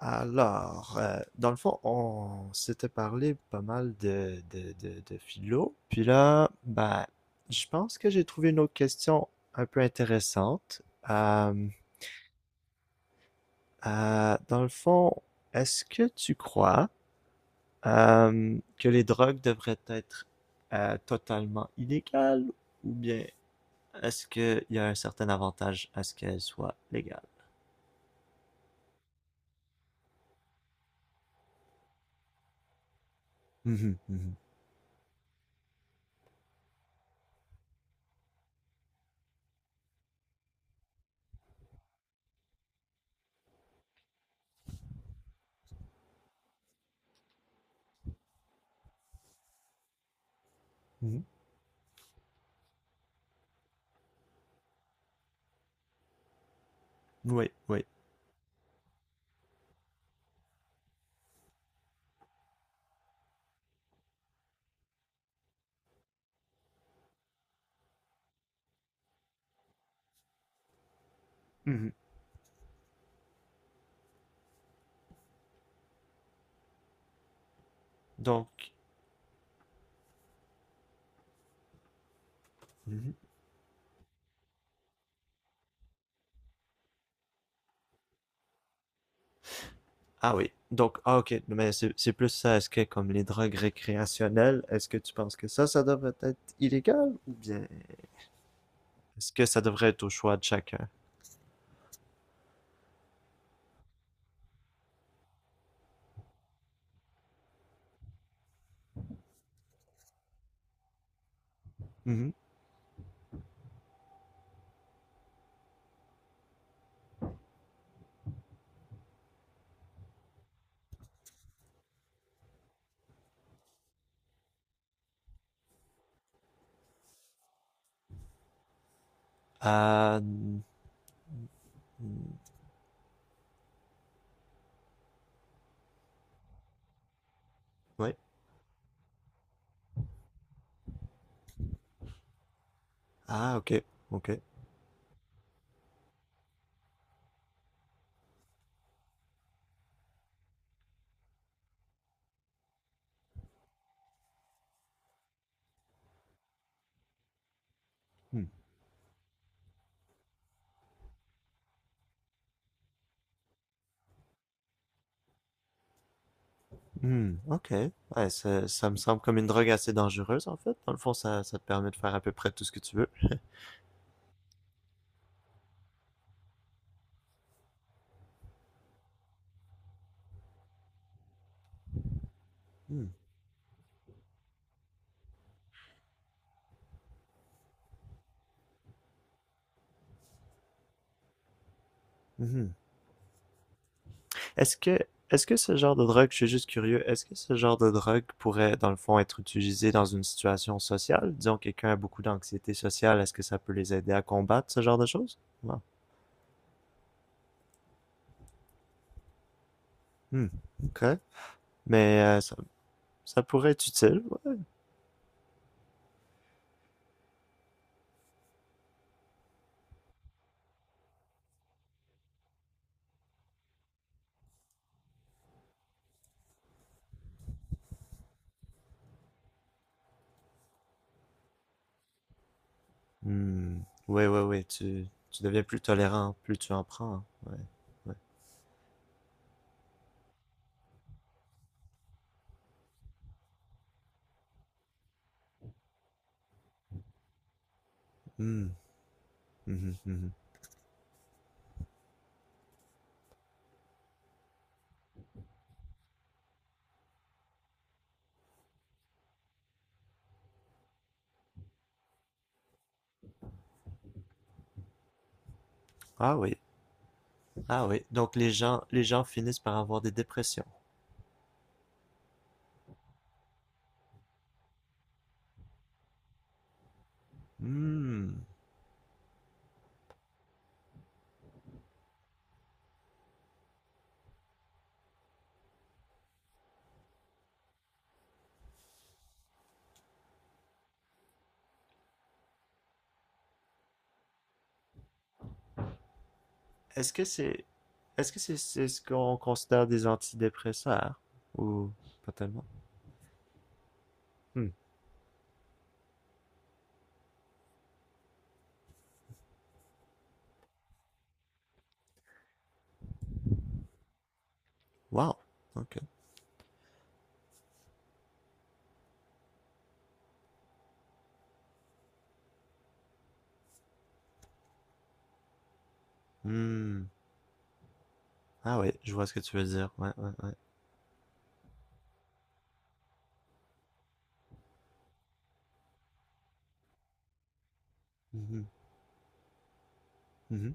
Dans le fond, on s'était parlé pas mal de philo. Puis là, ben, je pense que j'ai trouvé une autre question un peu intéressante. Euh, dans le fond, est-ce que tu crois que les drogues devraient être totalement illégales ou bien est-ce qu'il y a un certain avantage à ce qu'elles soient légales? Mhm, mhm, mhm. Oui, oui. Mhm. Donc, mhm. Ah oui. Donc, ah, ok. Mais c'est plus ça. Est-ce que comme les drogues récréationnelles, est-ce que tu penses que ça devrait être illégal ou bien est-ce que ça devrait être au choix de chacun? Mhm. Ah, mm, oui. Ah, ok. Ok. Hmm. Hmm. Ok. Ouais, ça me semble comme une drogue assez dangereuse en fait. Dans le fond, ça te permet de faire à peu près tout ce que tu veux. Hmm. Mhm. Est-ce que, est-ce que ce genre de drogue, je suis juste curieux, est-ce que ce genre de drogue pourrait, dans le fond, être utilisé dans une situation sociale? Disons, quelqu'un a beaucoup d'anxiété sociale, est-ce que ça peut les aider à combattre ce genre de choses? Non. Hmm. Ok. Mais ça, ça pourrait être utile. Ouais. Hmm. Oui, oui, oui. Tu deviens plus tolérant, plus tu en prends, hein. Ouais, ouais. Hmm. Mhm, mhm. Ah oui. Ah oui. Donc les gens finissent par avoir des dépressions. Hmm. Est-ce que c'est est-ce que c'est ce qu'on considère des antidépresseurs? Ou pas tellement? Hmm. Wow. OK. Hmm. Ah oui, je vois ce que tu veux dire. Ouais, ouais, ouais. Mhm, mhm,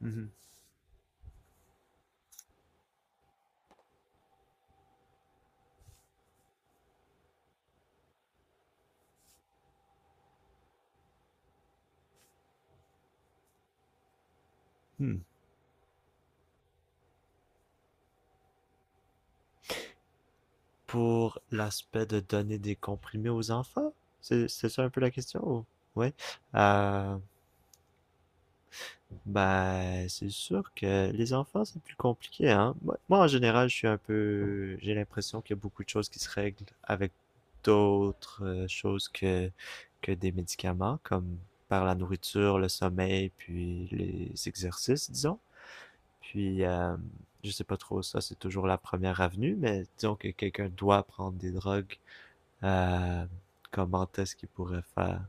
mhm. Hmm. Pour l'aspect de donner des comprimés aux enfants? C'est ça un peu la question? Ou ouais. Euh, ben, c'est sûr que les enfants, c'est plus compliqué, hein. En général, je suis un peu... J'ai l'impression qu'il y a beaucoup de choses qui se règlent avec d'autres choses que des médicaments, comme par la nourriture, le sommeil, puis les exercices, disons. Puis, je sais pas trop, ça, c'est toujours la première avenue, mais disons que quelqu'un doit prendre des drogues, euh, comment est-ce qu'il pourrait faire?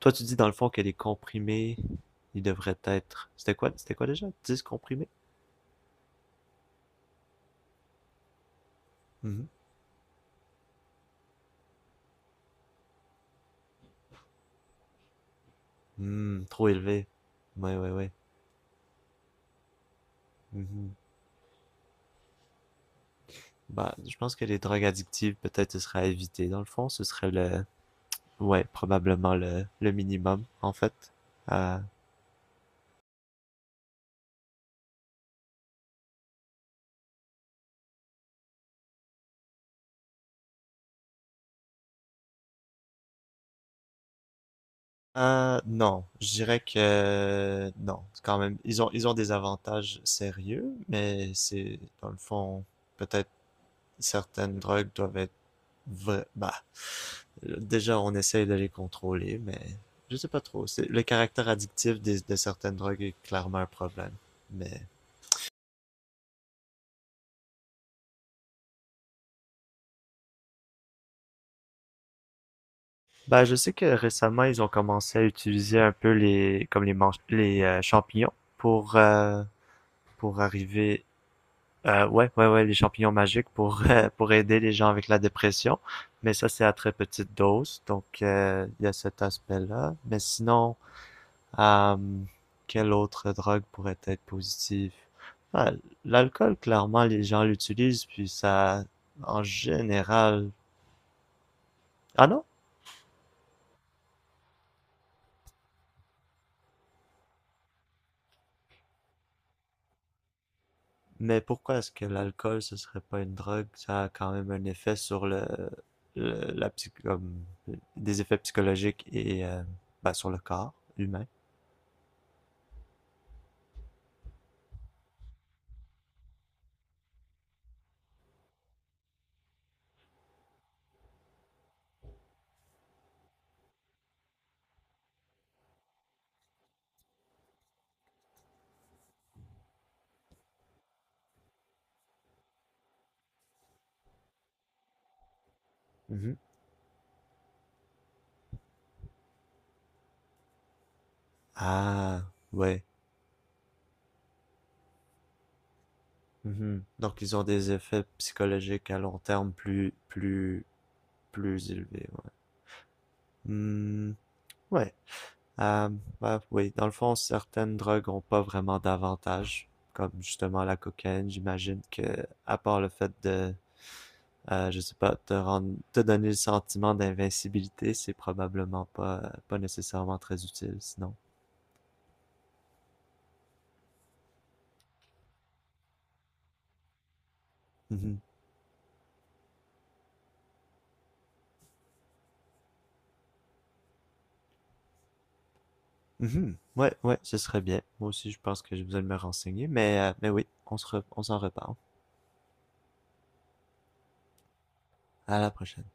Toi, tu dis dans le fond que les comprimés, ils devraient être. C'était quoi déjà? 10 comprimés? Mhm. Hmm, trop élevé. Ouais, ouais, ouais. Mhm. Bah, je pense que les drogues addictives, peut-être, ce serait à éviter. Dans le fond, ce serait le. Ouais, probablement le minimum, en fait. Euh, non, je dirais que non. Quand même, ils ont des avantages sérieux, mais c'est, dans le fond, peut-être certaines drogues doivent être. Vra- bah, déjà, on essaye de les contrôler, mais je sais pas trop. C'est le caractère addictif des- de certaines drogues est clairement un problème. Mais ben je sais que récemment, ils ont commencé à utiliser un peu les comme les manch- les champignons pour euh, pour arriver ouais, ouais, ouais, les champignons magiques pour pour aider les gens avec la dépression. Mais ça, c'est à très petite dose, donc il y a cet aspect-là. Mais sinon, hum... Quelle autre drogue pourrait être positive? Ah, l'alcool, clairement, les gens l'utilisent, puis ça, en général... Ah non? Mais pourquoi est-ce que l'alcool, ce serait pas une drogue? Ça a quand même un effet sur le- la psy- comme, des effets psychologiques et ben, sur le corps humain. Mhm. Ah, ouais. Mhm. Donc, ils ont des effets psychologiques à long terme plus élevés, ouais. Hmm, ouais. Euh, bah oui, dans le fond, certaines drogues ont pas vraiment d'avantage, comme justement la cocaïne. J'imagine que, à part le fait de, je sais pas, te donner le sentiment d'invincibilité, c'est probablement pas nécessairement très utile, sinon. Mhm. Mhm. Ouais, ouais, ce serait bien. Moi aussi, je pense que j'ai besoin de me renseigner, mais oui, on s'en reparle. À la prochaine.